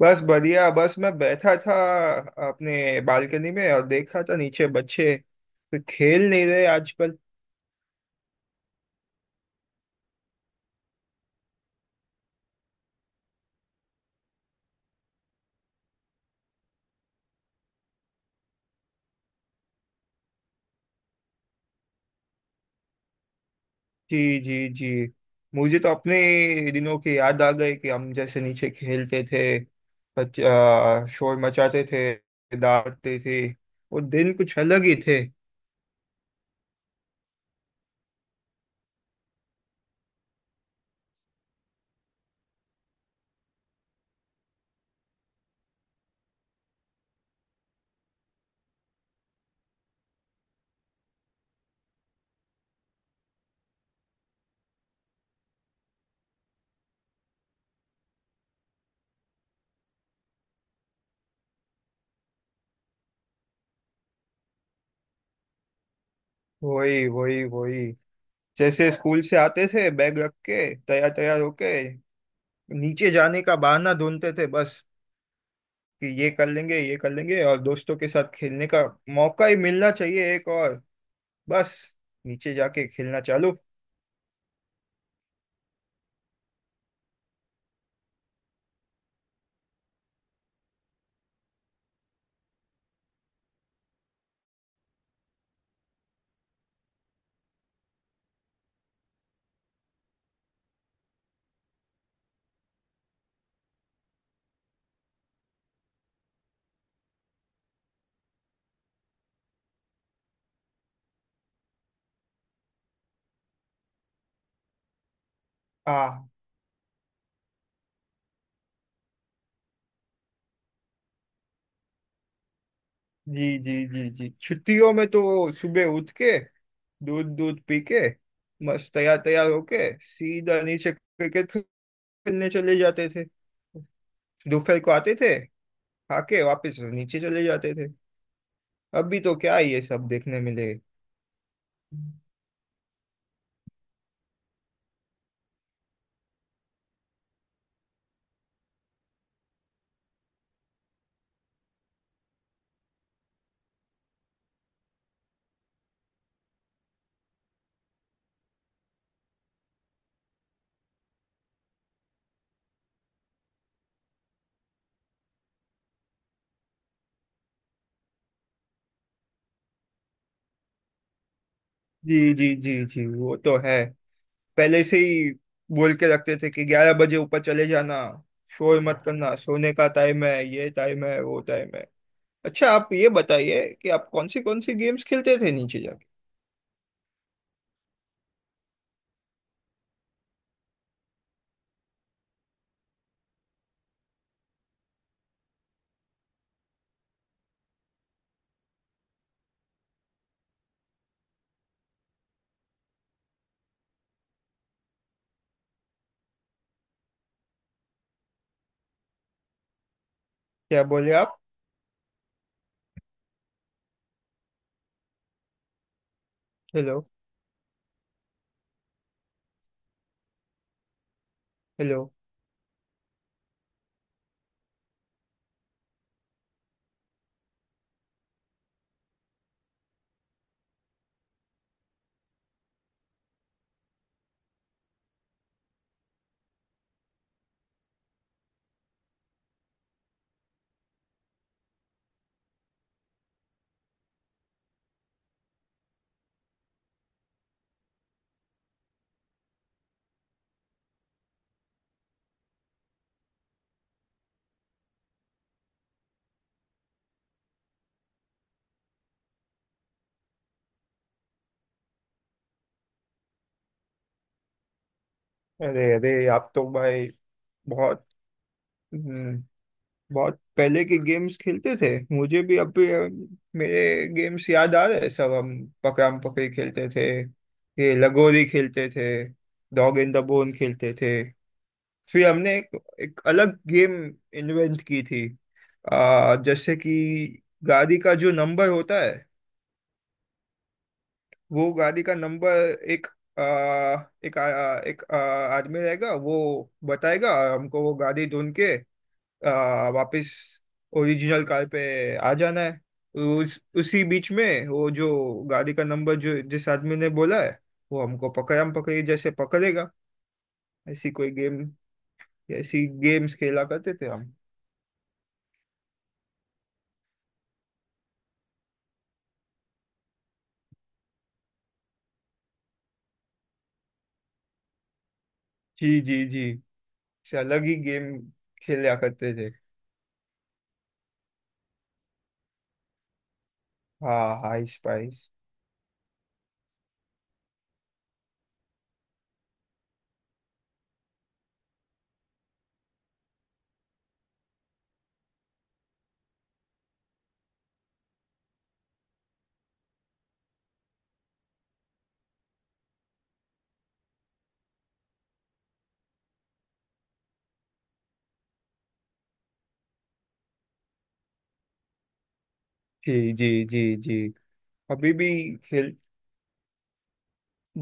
बस बढ़िया। बस मैं बैठा था अपने बालकनी में और देखा था, नीचे बच्चे तो खेल नहीं रहे आजकल। जी जी जी। मुझे तो अपने दिनों की याद आ गई कि हम जैसे नीचे खेलते थे, शोर मचाते थे, दौड़ते थे। वो दिन कुछ अलग ही थे। वही वही वही। जैसे स्कूल से आते थे, बैग रख के तैयार तैयार होके नीचे जाने का बहाना ढूंढते थे। बस कि ये कर लेंगे, ये कर लेंगे, और दोस्तों के साथ खेलने का मौका ही मिलना चाहिए एक और। बस नीचे जाके खेलना चालू। हाँ। जी जी जी जी। छुट्टियों में तो सुबह उठ के दूध दूध पी के मस्त तैयार तैयार होके सीधा नीचे क्रिकेट खेलने चले जाते थे। दोपहर को आते थे, खाके वापस नीचे चले जाते थे। अभी तो क्या ये सब देखने मिले। जी जी जी जी। वो तो है पहले से ही। बोल के रखते थे कि 11 बजे ऊपर चले जाना, शोर मत करना, सोने का टाइम है, ये टाइम है वो टाइम है। अच्छा, आप ये बताइए कि आप कौन सी गेम्स खेलते थे नीचे जाके? क्या बोले आप? हेलो? हेलो? अरे अरे, आप तो भाई बहुत हम्म, बहुत पहले के गेम्स खेलते थे। मुझे भी अब भी, मेरे गेम्स याद आ रहे हैं। सब हम पकड़म पकड़ी खेलते थे, ये लगोरी खेलते थे, डॉग इन द बोन खेलते थे। फिर हमने एक अलग गेम इन्वेंट की थी। जैसे कि गाड़ी का जो नंबर होता है, वो गाड़ी का नंबर, एक आ, एक आ, एक आ, आदमी रहेगा, वो बताएगा, और हमको वो गाड़ी ढूंढ के वापस ओरिजिनल कार पे आ जाना है। उस उसी बीच में वो जो गाड़ी का नंबर जो जिस आदमी ने बोला है, वो हमको पकड़म पकड़ी जैसे पकड़ेगा। ऐसी कोई गेम ऐसी गेम्स खेला करते थे हम। जी जी जी। से अलग ही गेम खेला करते थे। हाँ, हाई स्पाइस। जी जी जी जी। अभी भी खेल।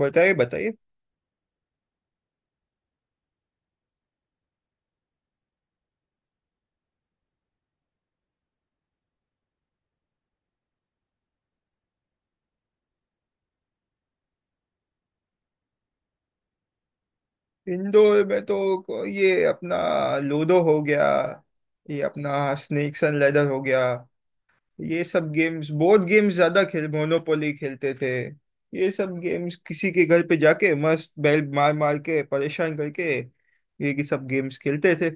बताइए बताइए। इंडोर में तो ये अपना लूडो हो गया, ये अपना स्नेक्स एंड लैडर हो गया। ये सब गेम्स, बोर्ड गेम्स ज्यादा खेल मोनोपोली खेलते थे। ये सब गेम्स किसी के घर पे जाके मस्त बैल मार मार के परेशान करके ये की सब गेम्स खेलते थे।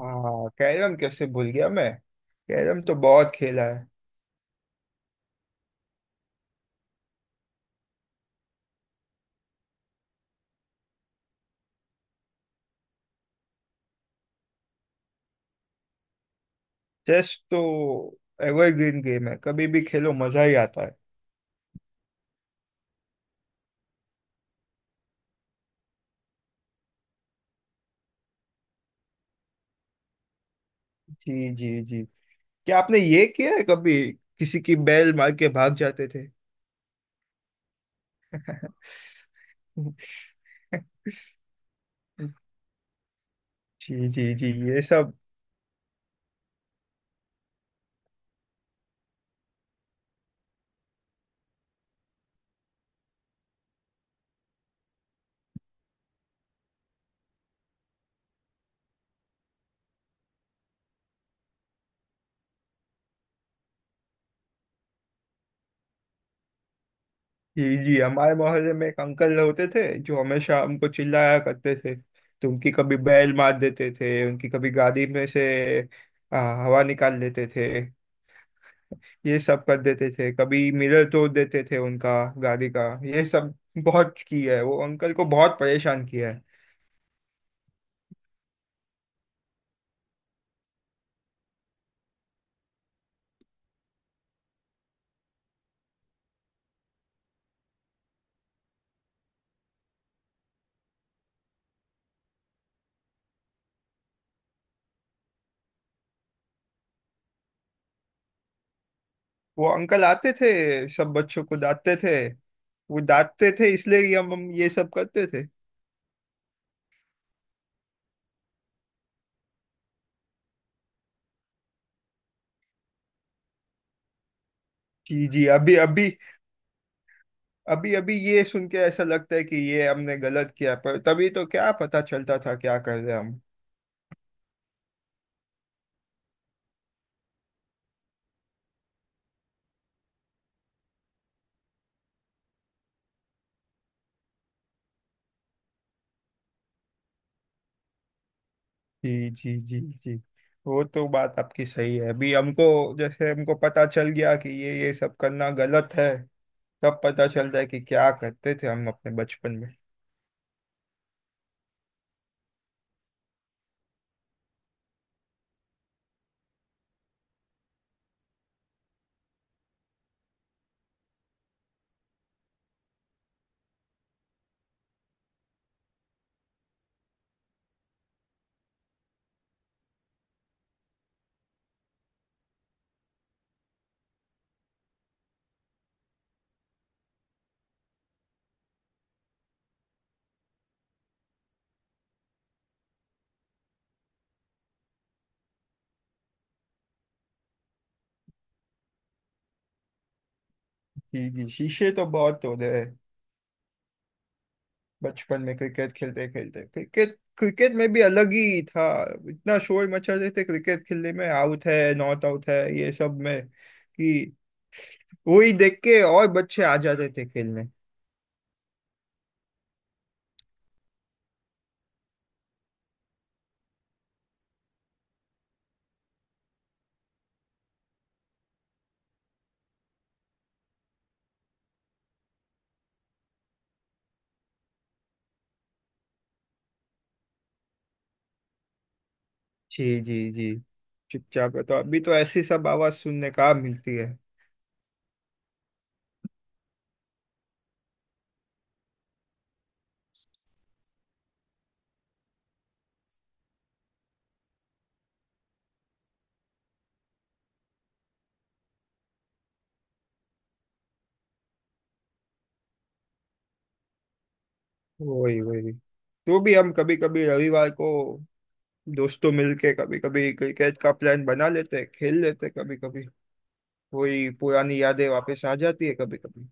हाँ, कैरम कैसे भूल गया मैं! कैरम तो बहुत खेला है। चेस तो एवरग्रीन गेम है, कभी भी खेलो मजा ही आता है। जी जी जी। क्या आपने ये किया है कभी, किसी की बैल मार के भाग जाते थे? जी जी जी ये सब। जी जी, हमारे मोहल्ले में एक अंकल होते थे जो हमेशा हमको चिल्लाया करते थे। तो उनकी कभी बैल मार देते थे, उनकी कभी गाड़ी में से हवा निकाल लेते थे। ये सब कर देते थे। कभी मिरर तोड़ देते थे उनका, गाड़ी का। ये सब बहुत किया है। वो अंकल को बहुत परेशान किया है। वो अंकल आते थे, सब बच्चों को डांटते थे। वो डांटते थे इसलिए ही हम ये सब करते थे। जी जी। अभी अभी ये सुन के ऐसा लगता है कि ये हमने गलत किया, पर तभी तो क्या पता चलता था क्या कर रहे हम। जी जी जी जी, वो तो बात आपकी सही है। अभी हमको जैसे हमको पता चल गया कि ये सब करना गलत है। तब पता चलता है कि क्या करते थे हम अपने बचपन में। जी जी, शीशे तो बहुत तोड़े हैं बचपन में क्रिकेट खेलते खेलते। क्रिकेट क्रिकेट में भी अलग ही था। इतना शोर मचा रहे थे क्रिकेट खेलने में, आउट है नॉट आउट है ये सब में, कि वो ही देख के और बच्चे आ जाते थे खेलने। जी जी जी। चुपचाप है तो, अभी तो ऐसी सब आवाज सुनने का मिलती है। वही वही, तो भी हम कभी कभी रविवार को दोस्तों मिलके कभी कभी क्रिकेट का प्लान बना लेते हैं, खेल लेते हैं कभी कभी। वही पुरानी यादें वापस आ जाती है कभी कभी।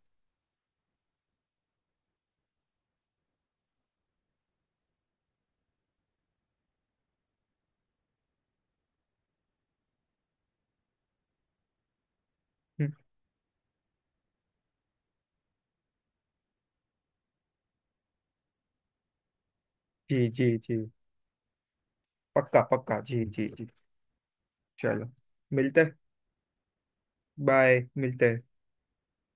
जी जी जी, पक्का पक्का, जी जी जी। चलो, मिलते, बाय, मिलते हैं।